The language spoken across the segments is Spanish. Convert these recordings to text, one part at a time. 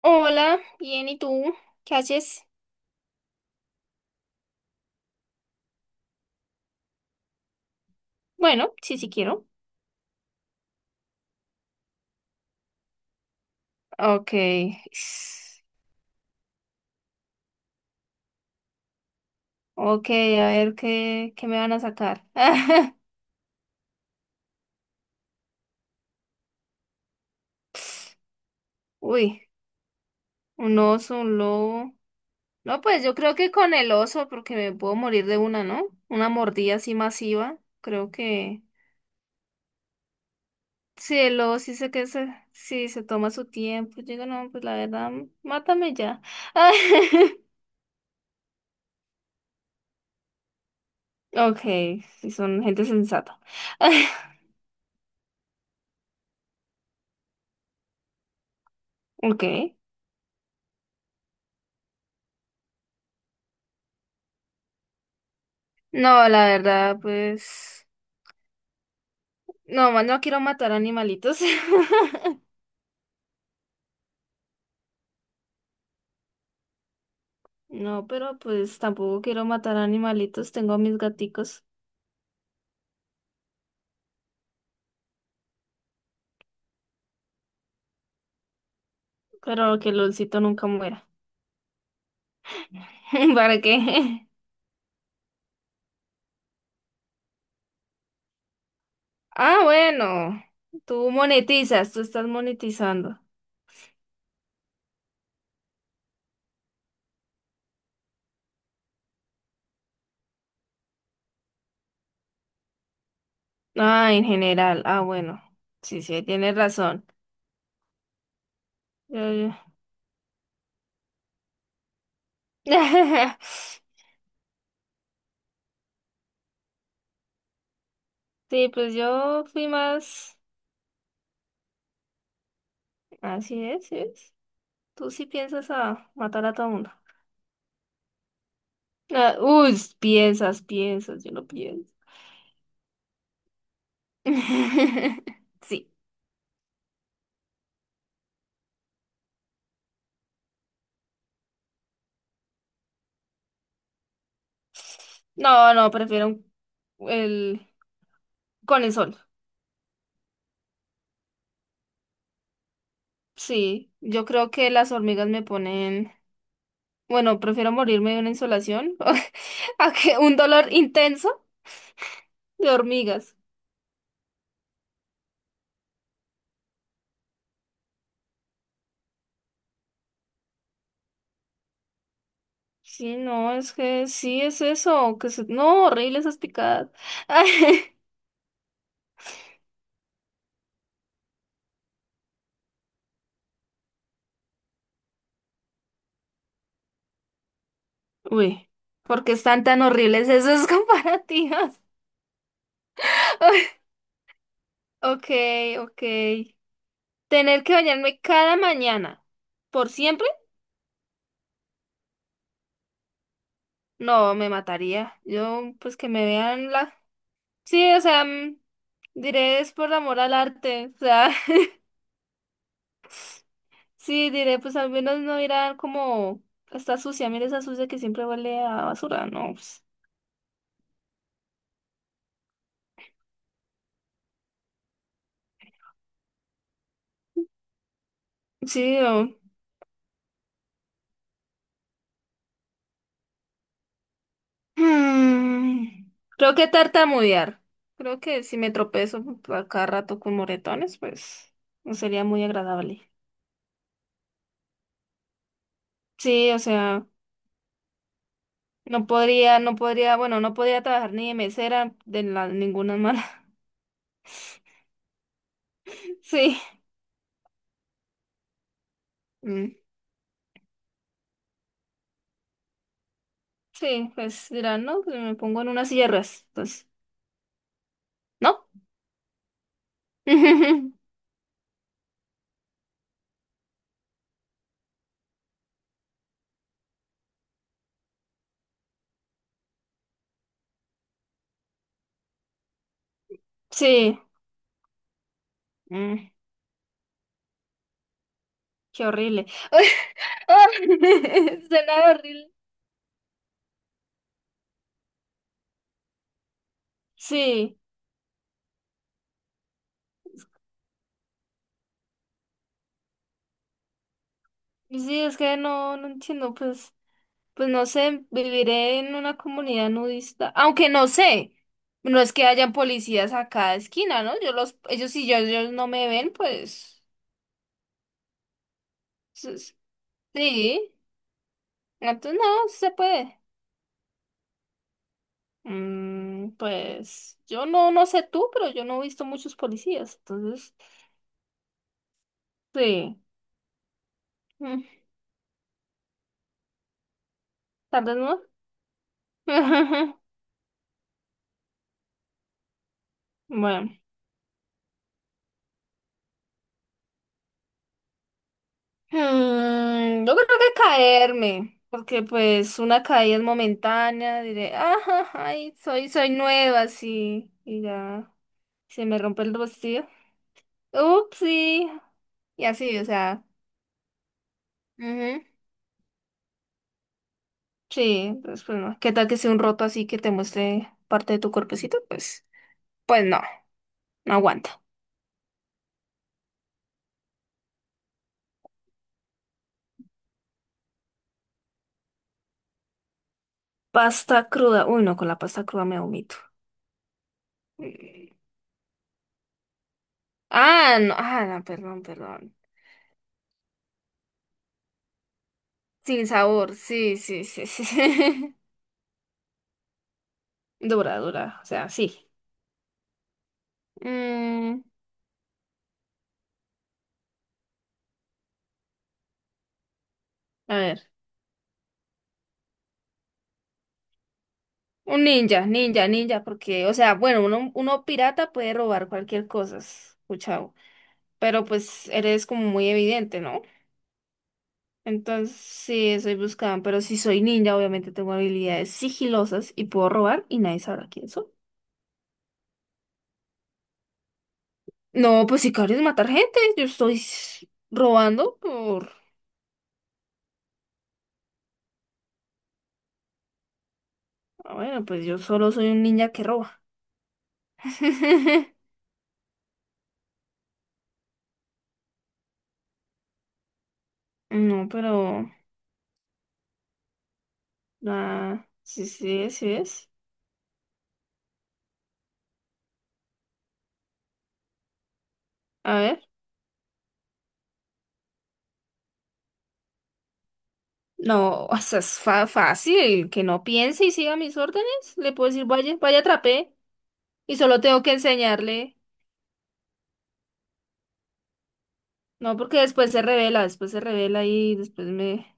Hola, bien, ¿y tú? ¿Qué haces? Bueno, sí quiero. Ok. Ok, a ver qué me van a sacar. Uy, un oso, un lobo. No, pues yo creo que con el oso, porque me puedo morir de una, ¿no? Una mordida así masiva. Creo que. Sí, el lobo sí sé que se, sí, se toma su tiempo. Yo digo, no, pues la verdad, mátame ya. Ok, si son gente sensata. Ok. No, la verdad, pues... No, no quiero matar animalitos. No, pero pues tampoco quiero matar animalitos. Tengo a mis gaticos. Pero que Lolcito nunca muera. ¿Para qué? Ah, bueno. Tú monetizas, tú estás monetizando. Ah, en general. Ah, bueno. Sí, sí, tienes razón. Yo- yo- Sí, pues yo fui más... Así es, sí es. Tú sí piensas a matar a todo mundo. Ah, uy, piensas, piensas, yo no pienso. Sí. No, no, prefiero el con el sol. Sí, yo creo que las hormigas me ponen, bueno, prefiero morirme de una insolación a que un dolor intenso de hormigas. Sí, no, es que sí es eso, que se... no, horrible esas picadas. Uy, ¿por qué están tan horribles esas comparativas? Ok, ok. Tener que bañarme cada mañana. ¿Por siempre? No, me mataría. Yo, pues que me vean la... Sí, o sea, diré es por amor al arte. O sea, sí, diré, pues al menos no irá como... Está sucia, mira esa sucia que siempre huele a basura. No, pues, Sí, o- Mm, Creo que tartamudear. Creo que si me tropezo a cada rato con moretones, pues no sería muy agradable. Sí, o sea... No podría, no podría, bueno, no podría trabajar ni de mesera de la, ninguna mala. Sí, mm, sí, pues dirán, no, pues me pongo en unas sierras, entonces, ¿no? Sí, mm, qué horrible. Ah, suena horrible. Sí, sí, es que no, no entiendo, pues, pues no sé, viviré en una comunidad nudista, aunque no sé. No es que hayan policías a cada esquina, ¿no? Yo los, ellos si yo, ellos no me ven, pues. Pues, sí, entonces no, sí se puede. Mm, pues yo no, no sé tú, pero yo no he visto muchos policías, entonces sí, mm, tal vez no. Bueno, mm, yo creo que caerme, porque pues una caída es momentánea, diré, ajá, ay, soy, soy nueva, sí, y ya se me rompe el vestido. Ups, sí, y así, o sea. Sí, entonces pues no. ¿Qué tal que sea un roto así que te muestre parte de tu cuerpecito? Pues, pues no, no aguanta. Pasta cruda. Uy, no, con la pasta cruda me vomito. Mm. Ah, no, ah, no, perdón, perdón. Sin sabor, sí, sí, sí, sí. Dura, dura, o sea, sí. Mm, a ver, un ninja, ninja, ninja, porque, o sea, bueno, uno, uno pirata puede robar cualquier cosa, escuchado, pero pues eres como muy evidente, ¿no? Entonces, sí, soy buscada, pero si soy ninja, obviamente tengo habilidades sigilosas y puedo robar y nadie sabrá quién soy. No, pues sicario es matar gente. Yo estoy robando por... Ah, bueno, pues yo solo soy un ninja que roba. No, pero... Ah, sí, sí, sí es. A ver. No, o sea, es fácil. Que no piense y siga mis órdenes. Le puedo decir, vaya, vaya, atrapé. Y solo tengo que enseñarle. No, porque después se revela y después me...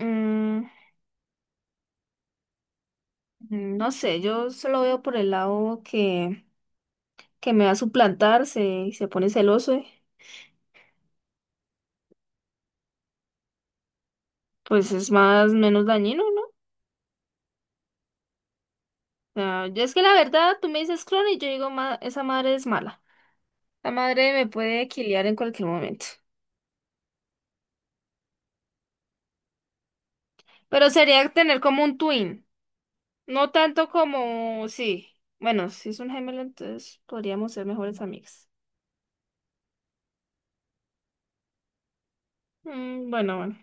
Mm, no sé, yo solo veo por el lado que me va a suplantar, se pone celoso, pues es más, menos dañino, ¿no? O sea, es que la verdad, tú me dices clon y yo digo, esa madre es mala. La madre me puede quiliar en cualquier momento. Pero sería tener como un twin, no tanto como, sí, bueno, si es un gemelo, entonces podríamos ser mejores amigas. Mm,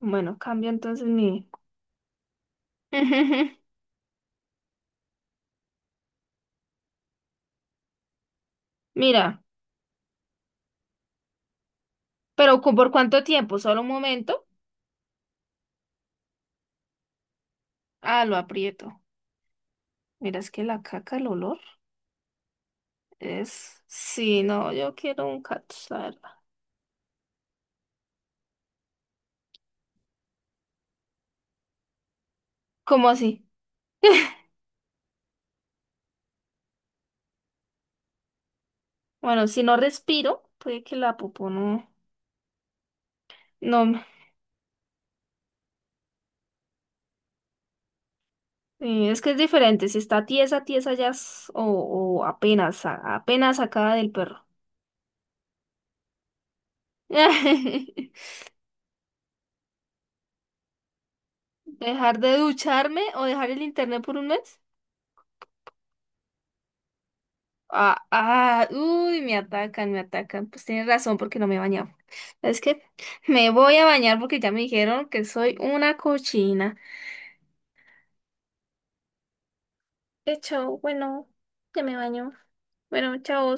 bueno, cambio entonces mi... Mira, pero ¿por cuánto tiempo? ¿Solo un momento? Ah, lo aprieto. Mira, es que la caca, el olor es... Sí, no, yo quiero un cactus, la verdad. ¿Cómo así? Bueno, si no respiro, puede que la popó no... No, sí, es que es diferente. Si está tiesa, tiesa ya o apenas, apenas sacada del perro. ¿Dejar de ducharme o dejar el internet por un mes? Ah, ah, uy, me atacan, me atacan. Pues tienes razón porque no me he bañado. Es que me voy a bañar porque ya me dijeron que soy una cochina. Chao, bueno, ya me baño. Bueno, chao.